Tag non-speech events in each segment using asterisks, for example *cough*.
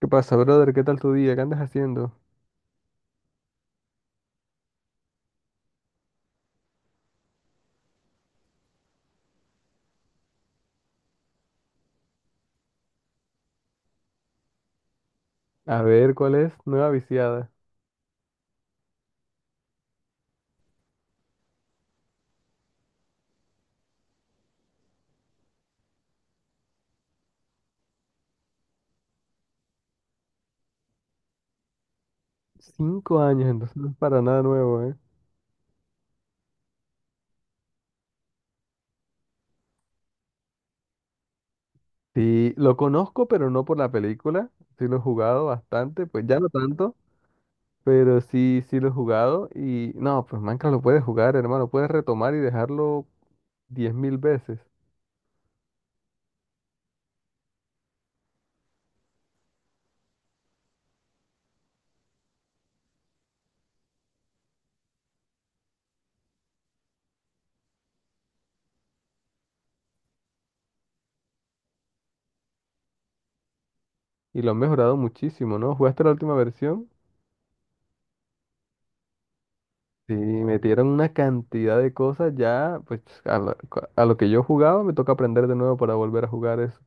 ¿Qué pasa, brother? ¿Qué tal tu día? ¿Qué andas haciendo? A ver, ¿cuál es? Nueva viciada. 5 años, entonces no es para nada nuevo, ¿eh? Sí, lo conozco, pero no por la película. Sí lo he jugado bastante, pues ya no tanto, pero sí, sí lo he jugado. Y no, pues Minecraft lo puedes jugar, hermano. Puedes retomar y dejarlo 10.000 veces. Y lo han mejorado muchísimo, ¿no? ¿Jugaste la última versión? Sí, metieron una cantidad de cosas ya, pues a lo que yo jugaba me toca aprender de nuevo para volver a jugar eso.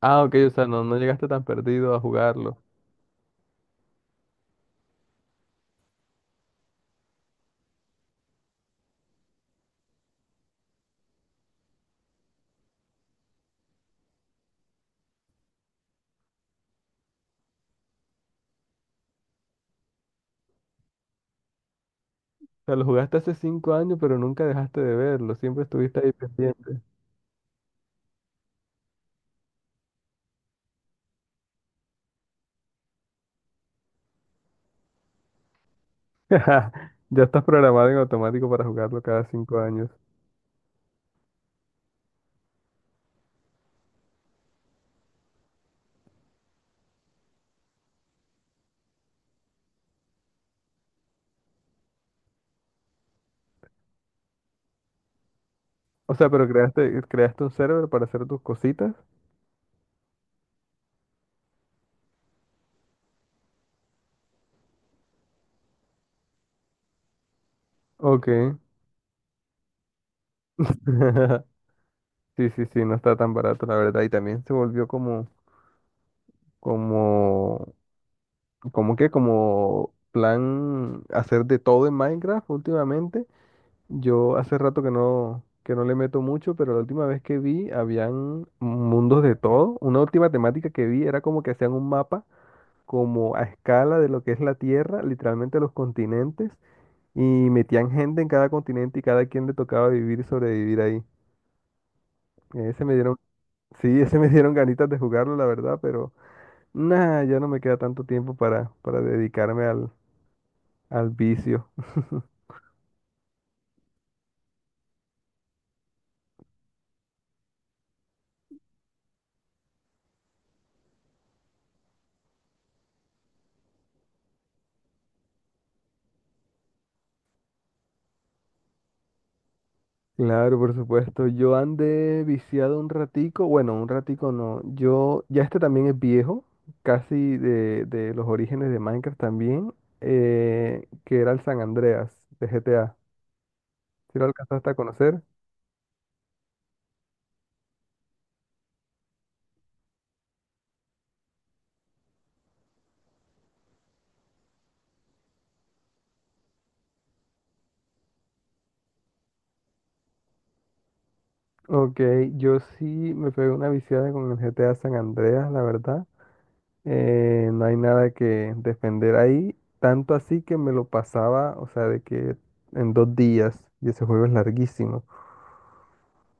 Ah, ok, o sea, no llegaste tan perdido a jugarlo. O sea, lo jugaste hace 5 años, pero nunca dejaste de verlo. Siempre estuviste ahí pendiente. *laughs* Ya estás programado en automático para jugarlo cada 5 años. O sea, pero creaste un server para hacer tus cositas. Ok. *laughs* Sí, sí, sí, no está tan barato, la verdad. Y también se volvió como, como que, como plan hacer de todo en Minecraft últimamente. Yo hace rato que no le meto mucho, pero la última vez que vi habían mundos de todo. Una última temática que vi era como que hacían un mapa como a escala de lo que es la Tierra, literalmente los continentes, y metían gente en cada continente y cada quien le tocaba vivir y sobrevivir ahí. Ese me dieron, *laughs* sí, ese me dieron ganitas de jugarlo, la verdad, pero nada, ya no me queda tanto tiempo para dedicarme al vicio. Claro, por supuesto. Yo andé viciado un ratico. Bueno, un ratico no. Yo, ya este también es viejo, casi de los orígenes de Minecraft también, que era el San Andreas de GTA. ¿Si lo alcanzaste a conocer? Ok, yo sí me pegué una viciada con el GTA San Andreas, la verdad. No hay nada que defender ahí. Tanto así que me lo pasaba, o sea, de que en 2 días, y ese juego es larguísimo.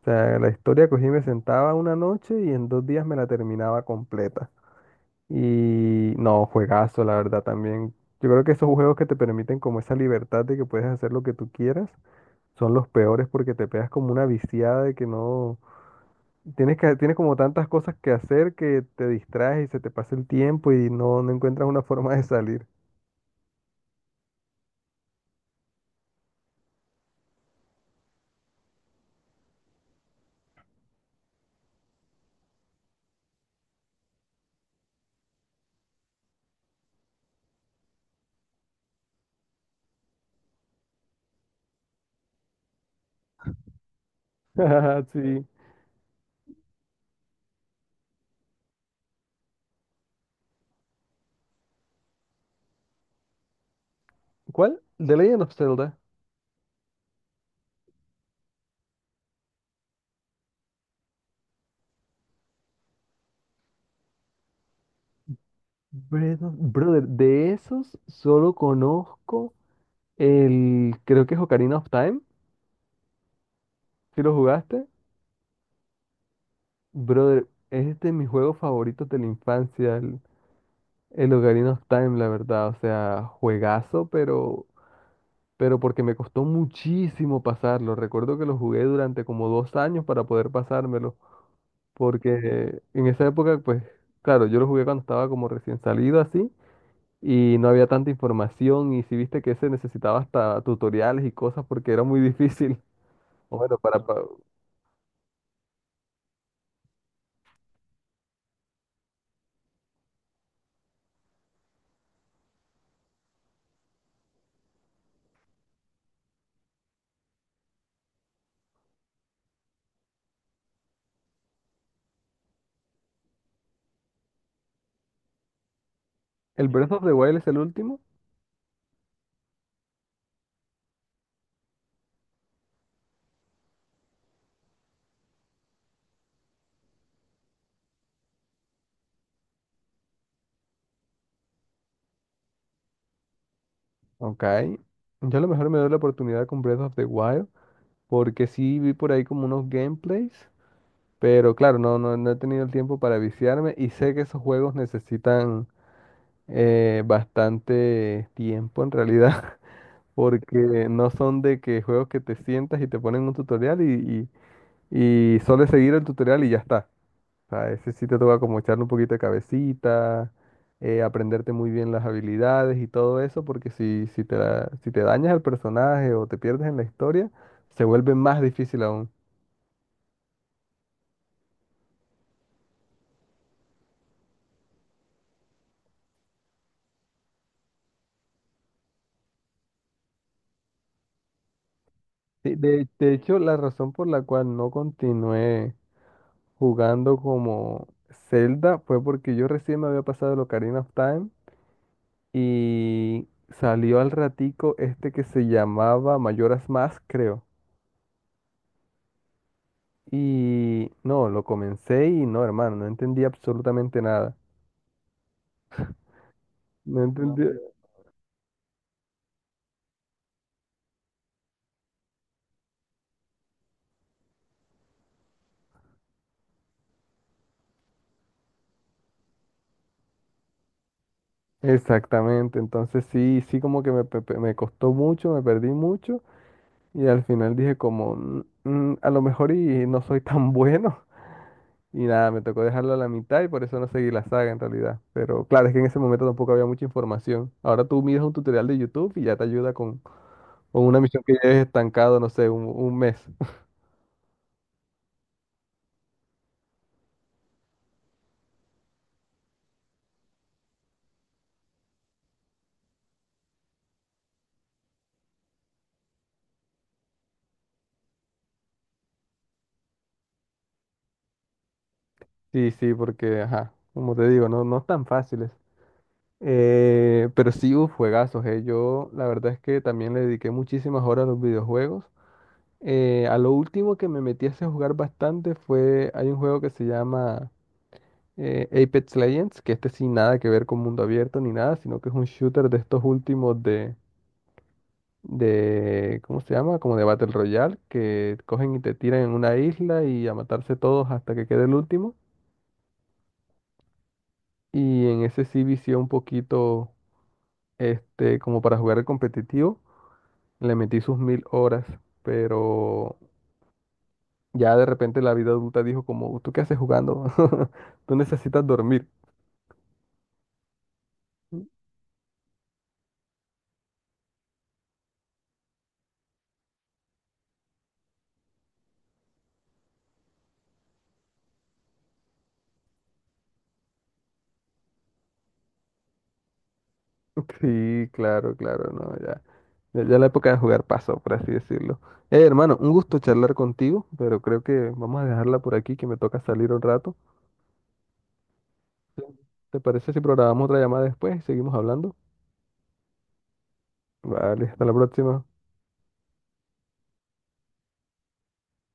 O sea, la historia cogí, y me sentaba una noche y en 2 días me la terminaba completa. Y no, juegazo, la verdad también. Yo creo que esos juegos que te permiten como esa libertad de que puedes hacer lo que tú quieras son los peores porque te pegas como una viciada de que no. Tienes como tantas cosas que hacer que te distraes y se te pasa el tiempo y no encuentras una *laughs* forma de salir. *laughs* Sí. ¿Cuál? The Legend of Zelda. Brother, de esos solo conozco el, creo que es Ocarina of Time, ¿si lo jugaste? Brother, es de mis juegos favoritos de la infancia, el Ocarina of Time, la verdad. O sea, juegazo, pero porque me costó muchísimo pasarlo. Recuerdo que lo jugué durante como 2 años para poder pasármelo, porque en esa época, pues, claro, yo lo jugué cuando estaba como recién salido así. Y no había tanta información y si viste que se necesitaba hasta tutoriales y cosas porque era muy *laughs* difícil. Bueno, el Breath of the Wild es el último. Ok. Yo a lo mejor me doy la oportunidad con Breath of the Wild, porque sí vi por ahí como unos gameplays, pero claro, no he tenido el tiempo para viciarme y sé que esos juegos necesitan bastante tiempo en realidad, *laughs* porque no son de que juegos que te sientas y te ponen un tutorial y solo es seguir el tutorial y ya está. Sea, ese sí te toca como echarle un poquito de cabecita, aprenderte muy bien las habilidades y todo eso, porque si te dañas el personaje o te pierdes en la historia, se vuelve más difícil aún. Sí, de hecho, la razón por la cual no continué jugando como Zelda fue porque yo recién me había pasado el Ocarina of Time y salió al ratico este que se llamaba Majora's Mask, creo. Y no, lo comencé y no, hermano, no entendí absolutamente nada. No entendí. Exactamente, entonces sí, sí como que me costó mucho, me perdí mucho y al final dije como, "Mm, mm, a lo mejor y no soy tan bueno". *laughs* Y nada, me tocó dejarlo a la mitad y por eso no seguí la saga en realidad. Pero claro, es que en ese momento tampoco había mucha información. Ahora tú miras un tutorial de YouTube y ya te ayuda con una misión que lleves estancado, no sé, un mes. *laughs* Sí, sí, porque, ajá, como te digo, no es tan fácil. Pero sí, uf, juegazos, eh. Yo la verdad es que también le dediqué muchísimas horas a los videojuegos. A lo último que me metí a ese jugar bastante fue, hay un juego que se llama Apex Legends, que este sin nada que ver con mundo abierto ni nada, sino que es un shooter de estos últimos de, ¿cómo se llama? Como de Battle Royale, que cogen y te tiran en una isla y a matarse todos hasta que quede el último. Y en ese sí vicié un poquito, este, como para jugar el competitivo. Le metí sus 1.000 horas, pero ya de repente la vida adulta dijo como, ¿tú qué haces jugando? *laughs* Tú necesitas dormir. *laughs* Sí, claro, claro, no, ya. Ya, ya la época de jugar pasó, por así decirlo. Hermano, un gusto charlar contigo, pero creo que vamos a dejarla por aquí, que me toca salir un rato. Sí. ¿Te parece si programamos otra llamada después y seguimos hablando? Vale, hasta la próxima.